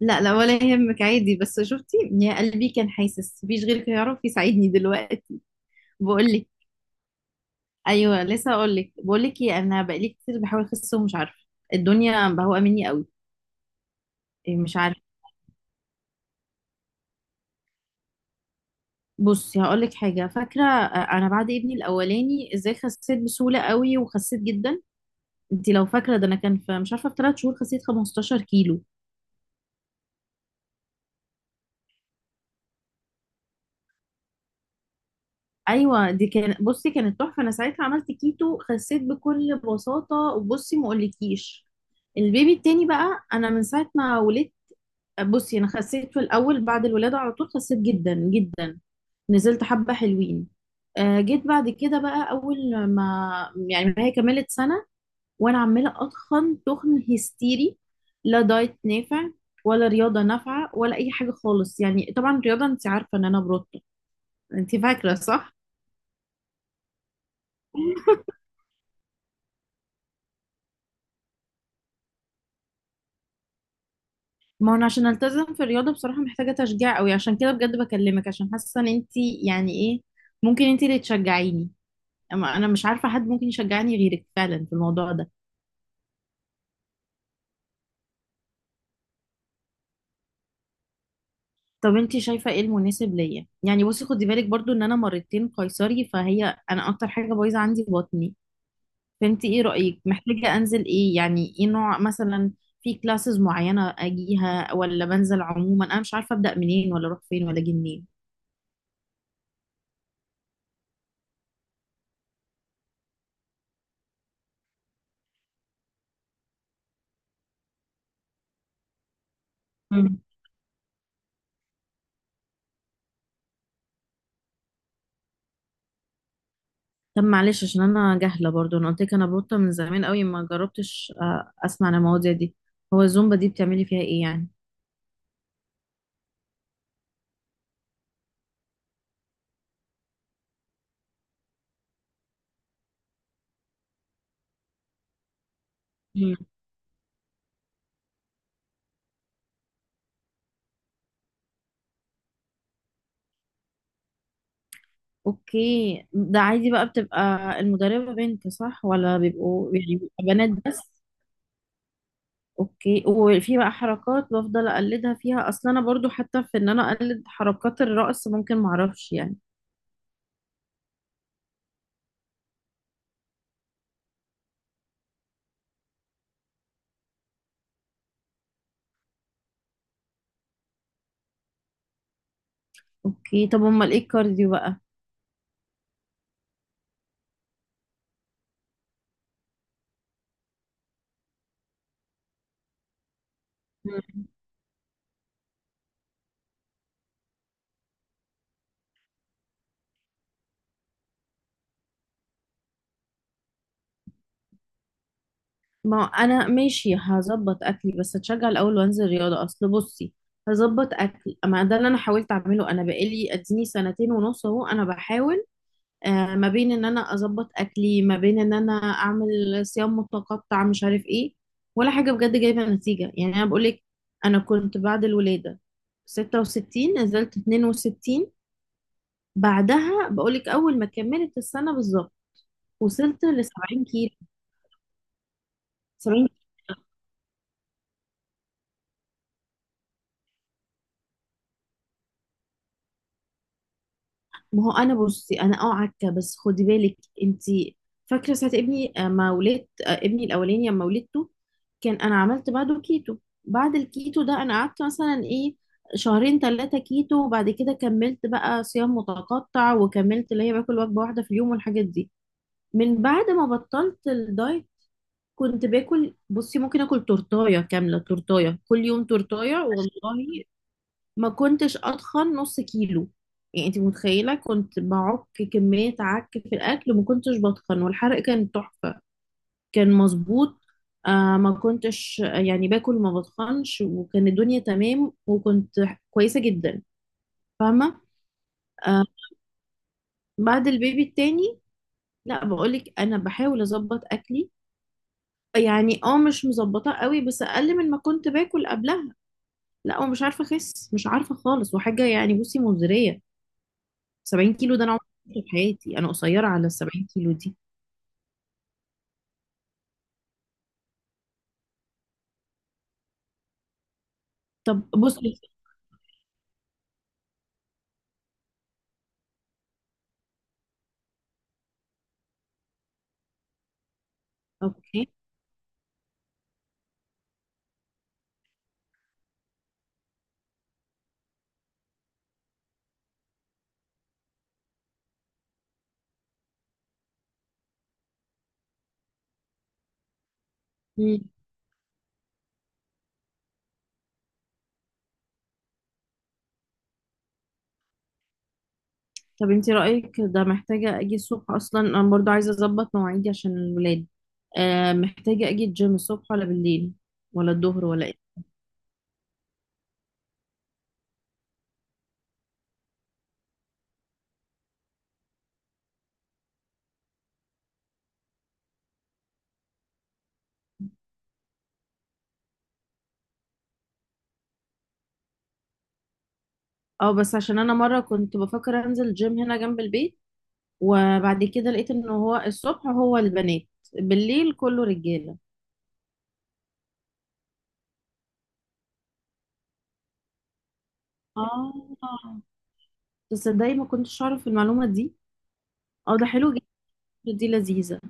لا، لا، ولا يهمك، عادي. بس شفتي يا قلبي، كان حاسس مفيش غيرك يعرف يساعدني دلوقتي. بقول لك. ايوه، لسه اقول لك. بقول لك ايه، انا بقالي كتير بحاول اخس ومش عارفه، الدنيا بهوقه مني قوي. إيه، مش عارفه. بصي هقول لك حاجه، فاكره؟ انا بعد ابني الاولاني ازاي خسيت بسهوله قوي وخسيت جدا. انت لو فاكره ده، انا كان في مش عارفه في 3 شهور خسيت 15 كيلو. ايوه، دي كان بصي كانت تحفه، انا ساعتها عملت كيتو، خسيت بكل بساطه. وبصي، ما اقولكيش، البيبي التاني بقى، انا من ساعه ما ولدت، بصي انا خسيت في الاول بعد الولاده على طول، خسيت جدا جدا، نزلت حبه حلوين. جيت بعد كده بقى، اول ما، يعني ما هي كملت سنه، وانا عماله اتخن تخن هستيري. لا دايت نافع ولا رياضه نافعه ولا اي حاجه خالص. يعني طبعا الرياضه انت عارفه ان انا بروتو، انت فاكره صح؟ ما هو انا عشان التزم في الرياضه بصراحه محتاجه تشجيع قوي، عشان كده بجد بكلمك، عشان حاسه ان انت، يعني ايه، ممكن انت اللي تشجعيني. اما انا مش عارفه حد ممكن يشجعني غيرك فعلا في الموضوع ده. طب انت شايفه ايه المناسب ليا؟ يعني بصي، خدي بالك برضو ان انا مرتين قيصري، فهي انا اكتر حاجه بايظه عندي بطني. فانت ايه رايك؟ محتاجه انزل ايه، يعني ايه نوع مثلا؟ في كلاسز معينه اجيها ولا بنزل عموما؟ انا مش عارفه ابدا منين ولا اروح فين ولا اجي منين. طب معلش، عشان انا جاهله برضو، انا قلت لك انا بوطه من زمان قوي، ما جربتش اسمع عن المواضيع دي. هو الزومبا دي بتعملي فيها ايه يعني؟ مم. اوكي، ده عادي بقى، بتبقى المدربه بنت صح ولا بيبقوا، يعني بيبقى بنات بس؟ اوكي. وفي بقى حركات بفضل اقلدها فيها؟ اصلا انا برضو حتى في ان انا اقلد حركات الرقص ممكن معرفش يعني. اوكي، طب امال ايه الكارديو بقى؟ مم. ما انا ماشي هظبط اكلي، بس اتشجع الاول وانزل رياضه. اصل بصي، هظبط اكل، ما ده اللي انا حاولت اعمله. انا بقالي اديني سنتين ونص اهو انا بحاول ما بين ان انا اظبط اكلي، ما بين ان انا اعمل صيام متقطع، مش عارف ايه، ولا حاجه بجد جايبه نتيجه. يعني انا بقول لك، انا كنت بعد الولاده 66، نزلت 62. بعدها بقول لك، اول ما كملت السنه بالظبط وصلت ل 70 كيلو. 70! ما هو انا بصي، انا عكه، بس خدي بالك، انت فاكره ساعه ابني آه، ما ولدت، ابني الاولاني لما ولدته، كان انا عملت بعده كيتو. بعد الكيتو ده انا قعدت مثلا ايه، شهرين ثلاثه كيتو، وبعد كده كملت بقى صيام متقطع، وكملت اللي هي باكل وجبه واحده في اليوم والحاجات دي. من بعد ما بطلت الدايت، كنت باكل، بصي، ممكن اكل تورتايه كامله، تورتايه كل يوم، تورتايه والله، ما كنتش اتخن نص كيلو. يعني انت متخيله؟ كنت بعك كميه عك في الاكل وما كنتش بتخن، والحرق كان تحفه، كان مظبوط. ما كنتش يعني باكل، ما بتخنش، وكان الدنيا تمام، وكنت كويسه جدا، فاهمه؟ آه. بعد البيبي التاني، لا، بقولك انا بحاول اظبط اكلي. يعني اه مش مظبطه قوي، بس اقل من ما كنت باكل قبلها. لا، ومش عارفه اخس، مش عارفه خالص، وحاجه يعني بصي مزريه. 70 كيلو ده انا عمري ما شفته في حياتي، انا قصيره على ال 70 كيلو دي. طب بصي. اوكي. مم. طب انت رايك ده محتاجه اجي الصبح؟ اصلا انا برضو عايزه اظبط مواعيدي عشان الولاد. محتاجه اجي الجيم الصبح ولا بالليل ولا الظهر ولا ايه؟ اه، بس عشان انا مره كنت بفكر انزل الجيم هنا جنب البيت، وبعد كده لقيت ان هو الصبح هو البنات، بالليل كله رجاله. اه. تصدقي ما كنتش اعرف المعلومه دي. اه، ده حلو جدا، دي لذيذه.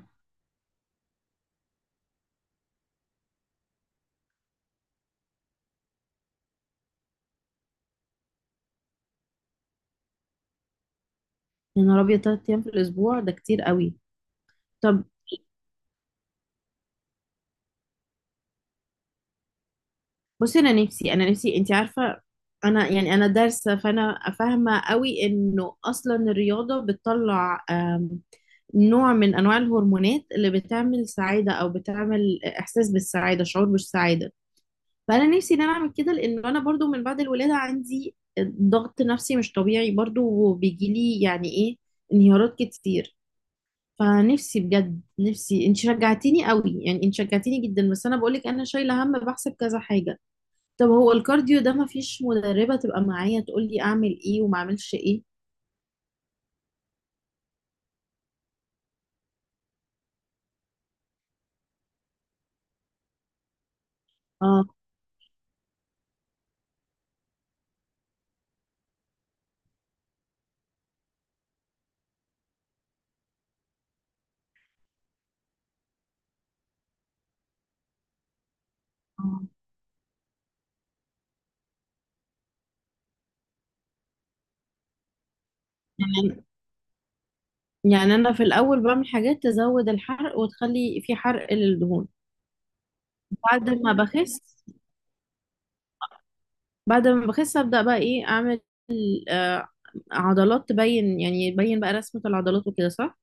يا نهار ابيض، 3 ايام في الاسبوع ده كتير قوي! طب بصي، انا نفسي، انا نفسي، انت عارفه، انا يعني انا دارسه، فانا فاهمه قوي انه اصلا الرياضه بتطلع نوع من انواع الهرمونات اللي بتعمل سعاده، او بتعمل احساس بالسعاده، شعور بالسعاده. فانا نفسي ان انا اعمل كده، لان انا برضو من بعد الولاده عندي ضغط نفسي مش طبيعي برضو، وبيجيلي يعني ايه، انهيارات كتير. فنفسي بجد، نفسي، انت شجعتيني قوي، يعني انت شجعتيني جدا. بس انا بقولك انا شايله هم بحسب كذا حاجه. طب هو الكارديو ده ما فيش مدربه تبقى معايا تقول لي اعمل ايه وما اعملش ايه؟ اه. آه. يعني، يعني انا في الاول بعمل حاجات تزود الحرق وتخلي في حرق للدهون؟ بعد ما بخس بعد ما بخس ابدا بقى ايه اعمل؟ آه عضلات تبين، يعني يبين بقى رسمه العضلات وكده صح؟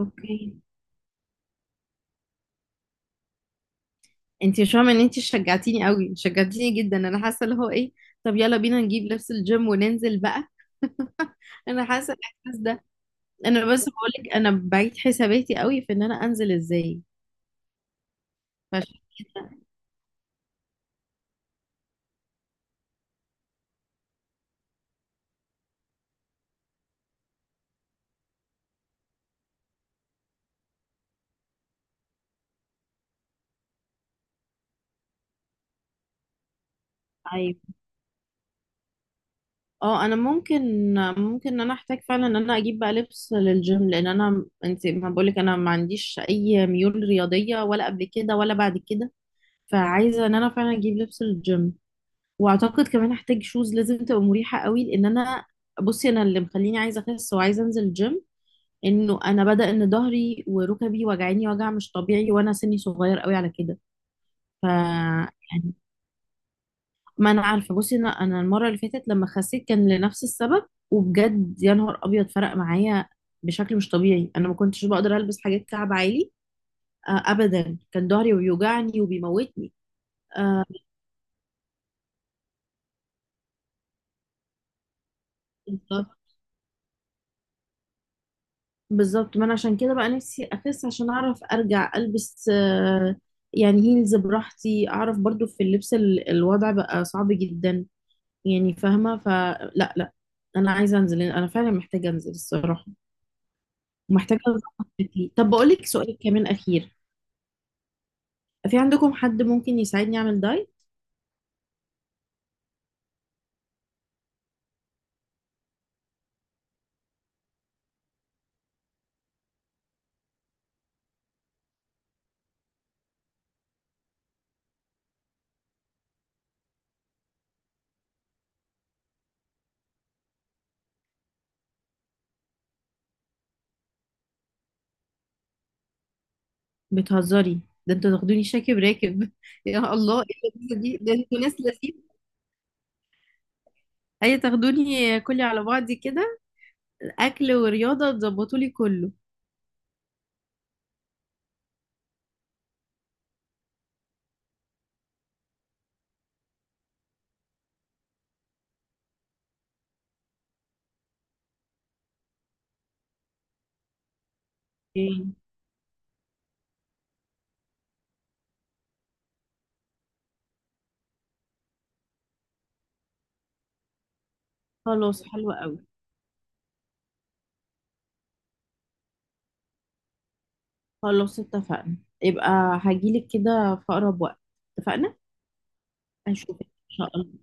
اوكي. انت مش فاهمه ان انت شجعتيني قوي! شجعتيني جدا، انا حاسه اللي هو ايه! طب يلا بينا نجيب لبس الجيم وننزل بقى! انا حاسه الاحساس ده. انا بس بقولك انا بعيد حساباتي قوي في ان انا انزل ازاي، فعشان كده. عيب. اه، انا ممكن ان انا احتاج فعلا ان انا اجيب بقى لبس للجيم، لان انا، انت ما بقولك انا ما عنديش اي ميول رياضيه ولا قبل كده ولا بعد كده. فعايزه ان انا فعلا اجيب لبس للجيم، واعتقد كمان هحتاج شوز لازم تبقى مريحه قوي، لان انا، بصي، انا اللي مخليني عايزه اخس وعايزه انزل الجيم انه انا بدا ان ظهري وركبي وجعاني وجع مش طبيعي، وانا سني صغير قوي على كده. ف، يعني، ما انا عارفه بصي، انا المره اللي فاتت لما خسيت كان لنفس السبب، وبجد يا نهار ابيض فرق معايا بشكل مش طبيعي. انا ما كنتش بقدر البس حاجات كعب عالي ابدا، كان ظهري بيوجعني وبيموتني. آه، بالظبط، ما انا عشان كده بقى نفسي اخس، عشان اعرف ارجع البس يعني هيلز براحتي. اعرف برضو في اللبس الوضع بقى صعب جدا يعني، فاهمه؟ فلا، لا، انا عايزه انزل، انا فعلا محتاجه انزل الصراحه، ومحتاجه اظبط شكلي. طب بقول لك سؤال كمان اخير، في عندكم حد ممكن يساعدني اعمل دايت؟ بتهزري؟ ده انتوا تاخدوني شاكب راكب! يا الله ايه اللذيذه دي! ده انتوا ناس لذيذه! اي، تاخدوني كلي على بعضي كده، اكل ورياضه تظبطوا لي كله. إيه؟ خلاص، حلو قوي. خلاص، اتفقنا. يبقى هجيلك كده في أقرب وقت. اتفقنا؟ أشوفك إن شاء الله.